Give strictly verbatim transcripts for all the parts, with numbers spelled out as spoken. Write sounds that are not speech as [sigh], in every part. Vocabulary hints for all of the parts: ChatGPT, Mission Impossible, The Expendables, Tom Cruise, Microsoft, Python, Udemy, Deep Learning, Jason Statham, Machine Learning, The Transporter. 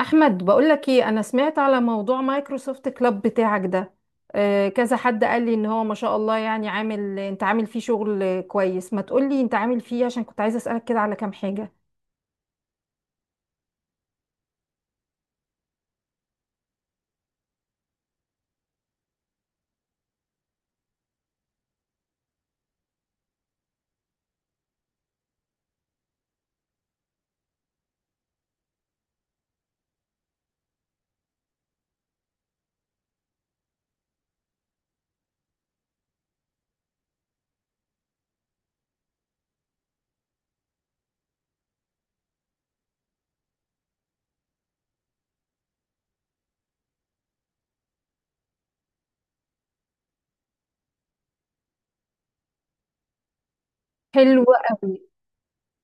احمد، بقولك ايه، انا سمعت على موضوع مايكروسوفت كلاب بتاعك ده. آه، كذا حد قال لي ان هو ما شاء الله، يعني عامل، انت عامل فيه شغل كويس ما تقولي انت عامل فيه، عشان كنت عايزه اسالك كده على كام حاجه. حلوه قوي.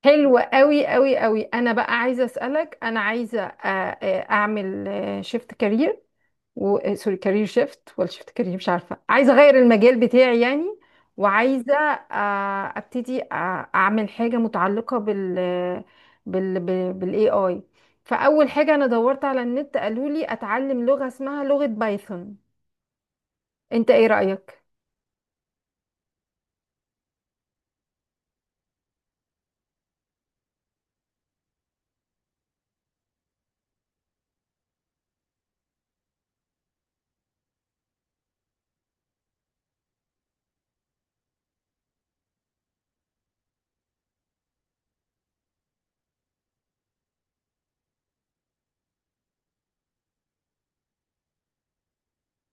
حلوه قوي قوي قوي. انا بقى عايزه اسالك، انا عايزه آه، آه، اعمل شيفت كارير و سوري، كارير شيفت ولا شيفت كارير، مش عارفه، عايزه اغير المجال بتاعي يعني، وعايزه آه، ابتدي آه، اعمل حاجه متعلقه بال بال بالاي اي. فاول حاجه انا دورت على النت قالوا لي اتعلم لغه اسمها لغه بايثون، انت ايه رايك؟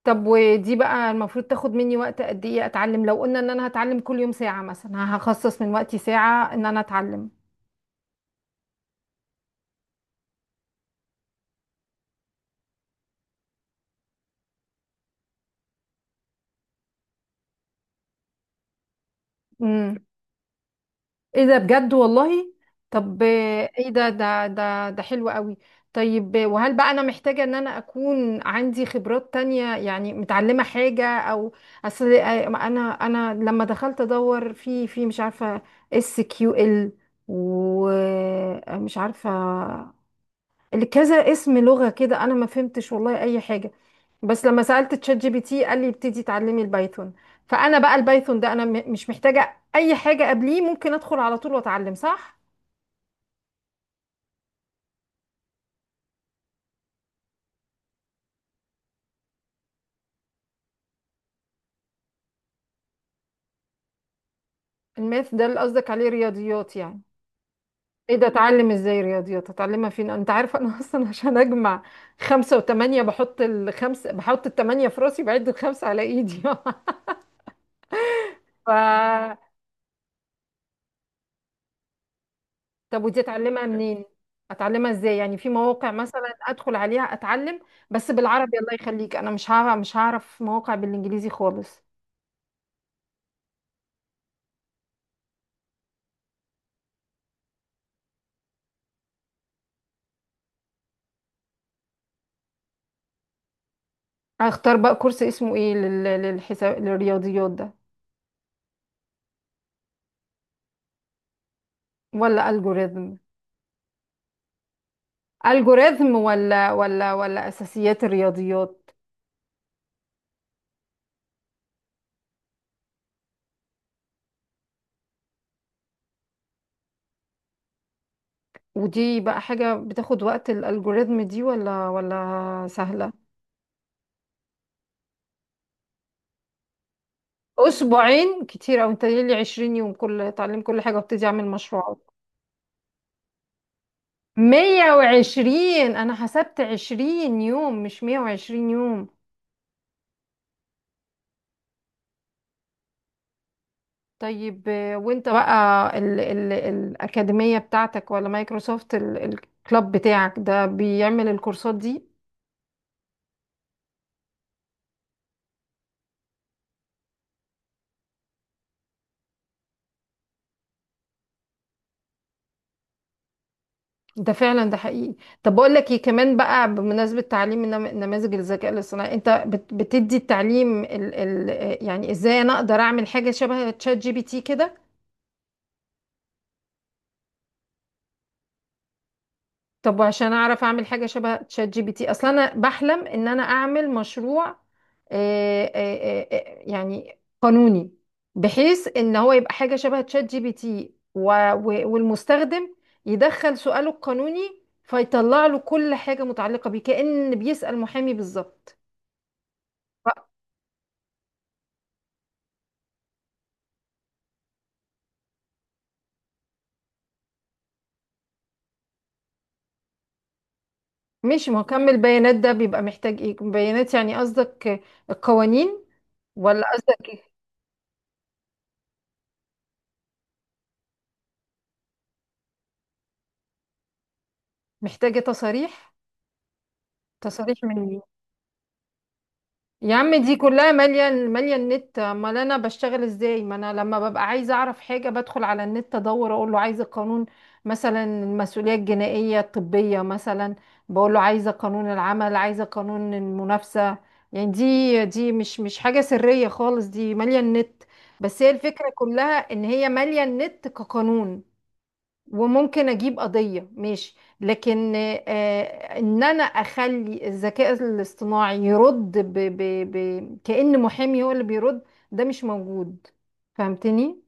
طب ودي بقى المفروض تاخد مني وقت قد ايه اتعلم، لو قلنا ان انا هتعلم كل يوم ساعه مثلا، هخصص من وقتي ساعه ان انا اتعلم؟ امم، ايه ده بجد والله؟ طب آه، ايه ده ده ده ده حلو قوي. طيب آه، وهل بقى انا محتاجة ان انا اكون عندي خبرات تانية يعني، متعلمة حاجة او اصل آه، انا، انا لما دخلت ادور في في مش عارفة اس كيو ال، ومش عارفة كذا اسم لغة كده، انا ما فهمتش والله اي حاجة. بس لما سألت تشات جي بي تي قال لي ابتدي اتعلمي البايثون. فأنا بقى البايثون ده أنا م- مش محتاجة أي حاجة قبليه، ممكن أدخل على طول وأتعلم صح؟ الماث ده اللي قصدك عليه رياضيات يعني؟ ايه ده، اتعلم ازاي رياضيات، اتعلمها فين؟ انت عارفه انا [laughs] اصلا عشان اجمع خمسة وثمانية بحط الخمسة، بحط الثمانية في راسي بعد الخمسة على ايدي [laughs] ف، طب ودي اتعلمها منين، اتعلمها ازاي؟ يعني في مواقع مثلا ادخل عليها اتعلم، بس بالعربي الله يخليك، انا مش هعرف، مش هعرف مواقع بالانجليزي خالص. اختار بقى كورس اسمه ايه لل- للحساب للرياضيات ده ولا الجوريزم؟ الجوريزم ولا ولا ولا اساسيات الرياضيات؟ ودي بقى حاجة بتاخد وقت الالجوريزم دي ولا ولا سهلة؟ اسبوعين كتير، او انت لي عشرين يوم كل اتعلم كل حاجة وابتدي اعمل مشروعات؟ مية وعشرين؟ انا حسبت عشرين يوم مش مية وعشرين يوم. طيب آه، وانت بقى ال ال الأكاديمية بتاعتك ولا مايكروسوفت ال- الكلاب بتاعك ده بيعمل الكورسات دي؟ ده فعلا، ده حقيقي. طب بقول لك ايه كمان بقى، بمناسبة تعليم النم- نماذج الذكاء الاصطناعي انت بت- بتدي التعليم ال ال، يعني ازاي انا اقدر اعمل حاجة شبه تشات جي بي تي كده؟ طب وعشان اعرف اعمل حاجه شبه تشات جي بي تي، اصلا انا بحلم ان انا اعمل مشروع آه، آه، آه، آه، يعني قانوني، بحيث ان هو يبقى حاجه شبه تشات جي بي تي، و- و- والمستخدم يدخل سؤاله القانوني فيطلع له كل حاجه متعلقه بيه، كأن بيسأل محامي بالظبط. مش مكمل بيانات، ده بيبقى محتاج ايه بيانات يعني قصدك، القوانين ولا قصدك إيه؟ محتاجه تصاريح؟ تصاريح من مين؟ يا عم دي كلها مالية مالية النت. امال انا بشتغل ازاي؟ ما انا لما ببقى عايزة اعرف حاجة بدخل على النت ادور، اقول له عايزة قانون مثلا المسؤولية الجنائية الطبية مثلا، بقول له عايزة قانون العمل، عايزة قانون المنافسة. يعني دي دي مش مش حاجة سرية خالص، دي مالية النت. بس هي الفكرة كلها ان هي مالية النت كقانون، وممكن اجيب قضية ماشي. لكن آه، ان انا اخلي الذكاء الاصطناعي يرد ب... ب... ب... كأن محامي هو اللي بيرد، ده مش موجود، فهمتني؟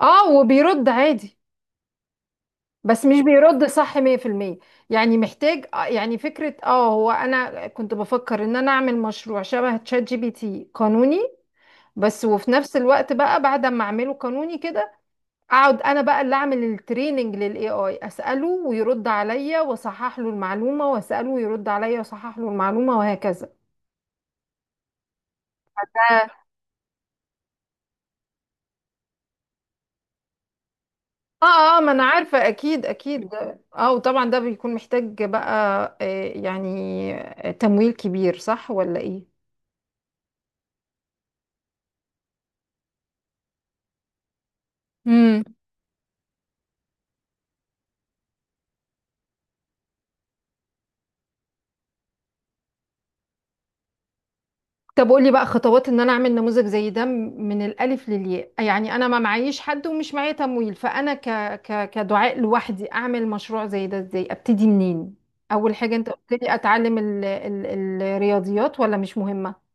اه، وبيرد عادي، بس مش بيرد صح مية بالمية. يعني محتاج آه، يعني فكرة، اه هو انا كنت بفكر ان انا اعمل مشروع شبه تشات جي بي تي قانوني بس، وفي نفس الوقت بقى بعد ما اعمله قانوني كده، اقعد انا بقى اللي اعمل التريننج للاي اي، اساله ويرد عليا واصحح له المعلومه، واساله ويرد عليا واصحح له المعلومه، وهكذا. اه اه، ما انا عارفه، اكيد اكيد ده، اه وطبعا ده بيكون محتاج بقى آه، يعني آه، تمويل كبير صح ولا ايه؟ طب قولي بقى خطوات ان انا اعمل نموذج زي ده م- من الالف للياء. يعني انا ما معيش حد ومش معايا تمويل، فانا ك... ك... كدعاء لوحدي اعمل مشروع زي ده ازاي، ابتدي منين؟ اول حاجة انت قلت لي اتعلم ال... ال... الرياضيات، ولا مش مهمة؟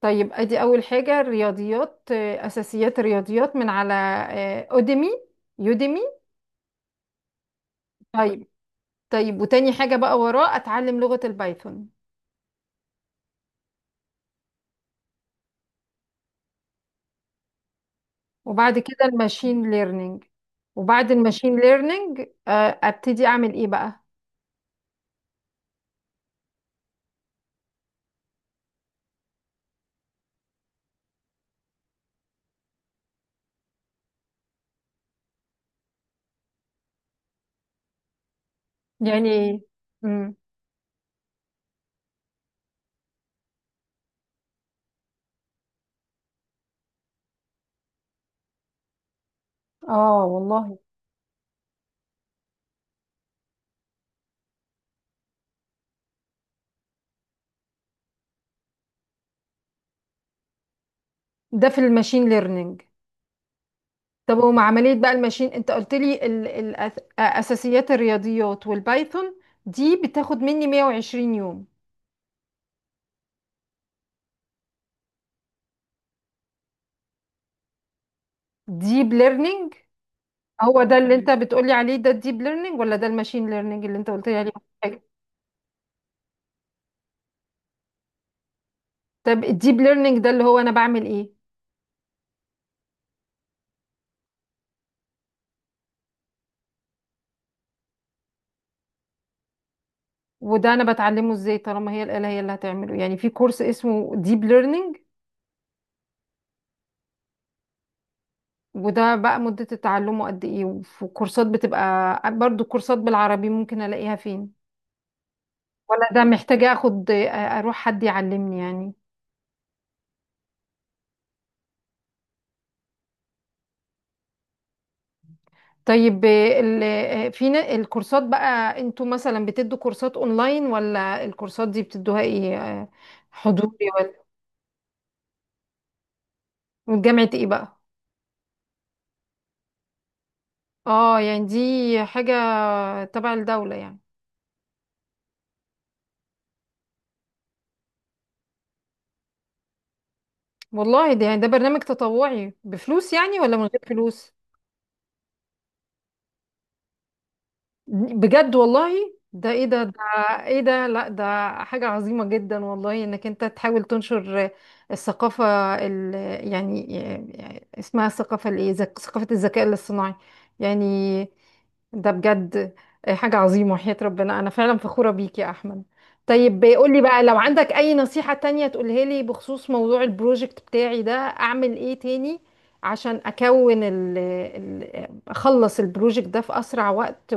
طيب ادي اول حاجة الرياضيات، آه، اساسيات الرياضيات من على اوديمي، يوديمي. طيب. طيب وتاني حاجة بقى وراه اتعلم لغة البايثون. وبعد كده الماشين ليرنينج. وبعد الماشين ليرنينج آه، ابتدي اعمل ايه بقى؟ يعني ايه؟ امم. اه والله. ده في الماشين ليرنينج. طب ومع عملية بقى الماشين، انت قلت لي ال... ال... أس- اساسيات الرياضيات والبايثون دي بتاخد مني مية وعشرين يوم. ديب ليرنينج. هو ده اللي انت بتقولي عليه ده الديب ليرنينج، ولا ده الماشين ليرنينج اللي انت قلت لي عليه؟ حاجة. طب الديب ليرنينج ده اللي هو انا بعمل ايه؟ وده انا بتعلمه ازاي طالما هي الآلة هي اللي هتعمله؟ يعني في كورس اسمه ديب ليرنينج؟ وده بقى مدة تعلمه قد ايه؟ وفي كورسات بتبقى برضو كورسات بالعربي ممكن الاقيها فين؟ ولا ده محتاجة اخد اروح حد يعلمني يعني؟ طيب ال- في نا- الكورسات بقى انتوا مثلا بتدوا كورسات اونلاين، ولا الكورسات دي بتدوها ايه، حضوري ولا؟ من جامعة ايه بقى؟ اه يعني دي حاجة تبع الدولة يعني؟ والله، ده يعني ده برنامج تطوعي بفلوس يعني ولا من غير فلوس؟ بجد والله؟ ده ايه ده ده، ايه ده؟ لا ده حاجة عظيمة جدا والله، انك انت تحاول تنشر الثقافة ال، يعني يعني اسمها الثقافة الايه، ذك- ثقافة الذكاء الاصطناعي يعني. ده بجد حاجة عظيمة، وحياة ربنا انا فعلا فخورة بيك يا احمد. طيب قول لي بقى لو عندك اي نصيحة تانية تقولها لي بخصوص موضوع البروجكت بتاعي ده، اعمل ايه تاني عشان اكون ال ال اخلص البروجكت ده في اسرع وقت؟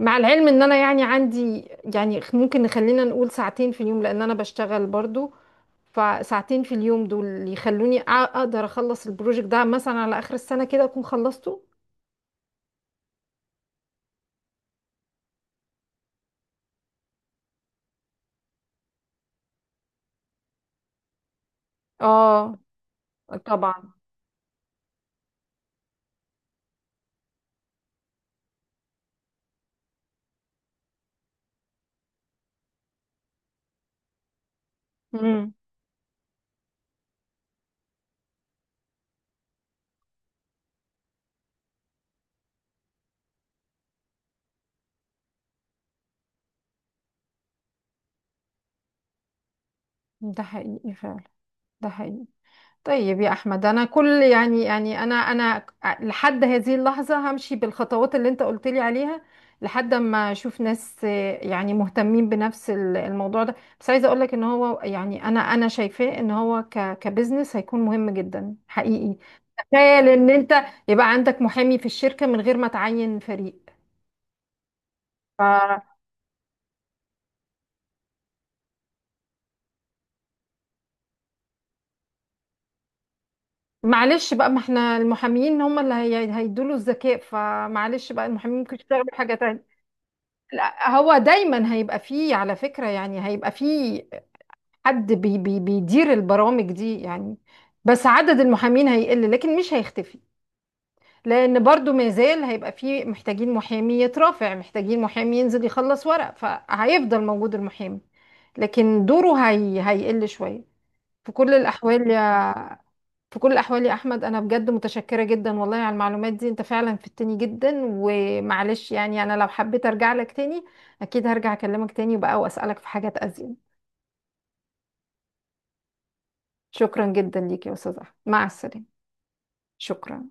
مع العلم ان انا يعني عندي، يعني ممكن نخلينا نقول ساعتين في اليوم، لان انا بشتغل برضو، فساعتين في اليوم دول اللي يخلوني أ- اقدر اخلص البروجكت ده مثلا على اخر السنة كده اكون خلصته. اه طبعا. امم. ده حقيقي فعلا، ده حقيقي. طيب يا احمد انا كل يعني، يعني انا انا لحد هذه اللحظه همشي بالخطوات اللي انت قلت لي عليها لحد ما اشوف ناس آه، يعني مهتمين بنفس ال- الموضوع ده. بس عايزه اقول لك ان هو يعني انا، انا شايفاه ان هو ك كبزنس هيكون مهم جدا حقيقي. تخيل ان انت يبقى عندك محامي في الشركه من غير ما تعين فريق. فمعلش بقى، ما احنا المحاميين هم اللي هي- هيدوا له الذكاء، فمعلش بقى المحامين ممكن يشتغلوا حاجه تانية. لا هو دايما هيبقى فيه على فكرة، يعني هيبقى فيه حد بي بي بيدير البرامج دي يعني، بس عدد المحامين هيقل لكن مش هيختفي، لأن برضو ما زال هيبقى فيه محتاجين محامي يترافع، محتاجين محامي ينزل يخلص ورق، فهيفضل موجود المحامي، لكن دوره هي هيقل شوية في كل الأحوال يعني. في كل الأحوال يا أحمد، أنا بجد متشكرة جدا والله على المعلومات دي، أنت فعلا فدتني جدا. ومعلش يعني أنا لو حبيت أرجع لك تاني أكيد هرجع أكلمك تاني بقى وأسألك في حاجات أزيد. شكرا جدا ليك يا أستاذ أحمد، مع السلامة. شكرا.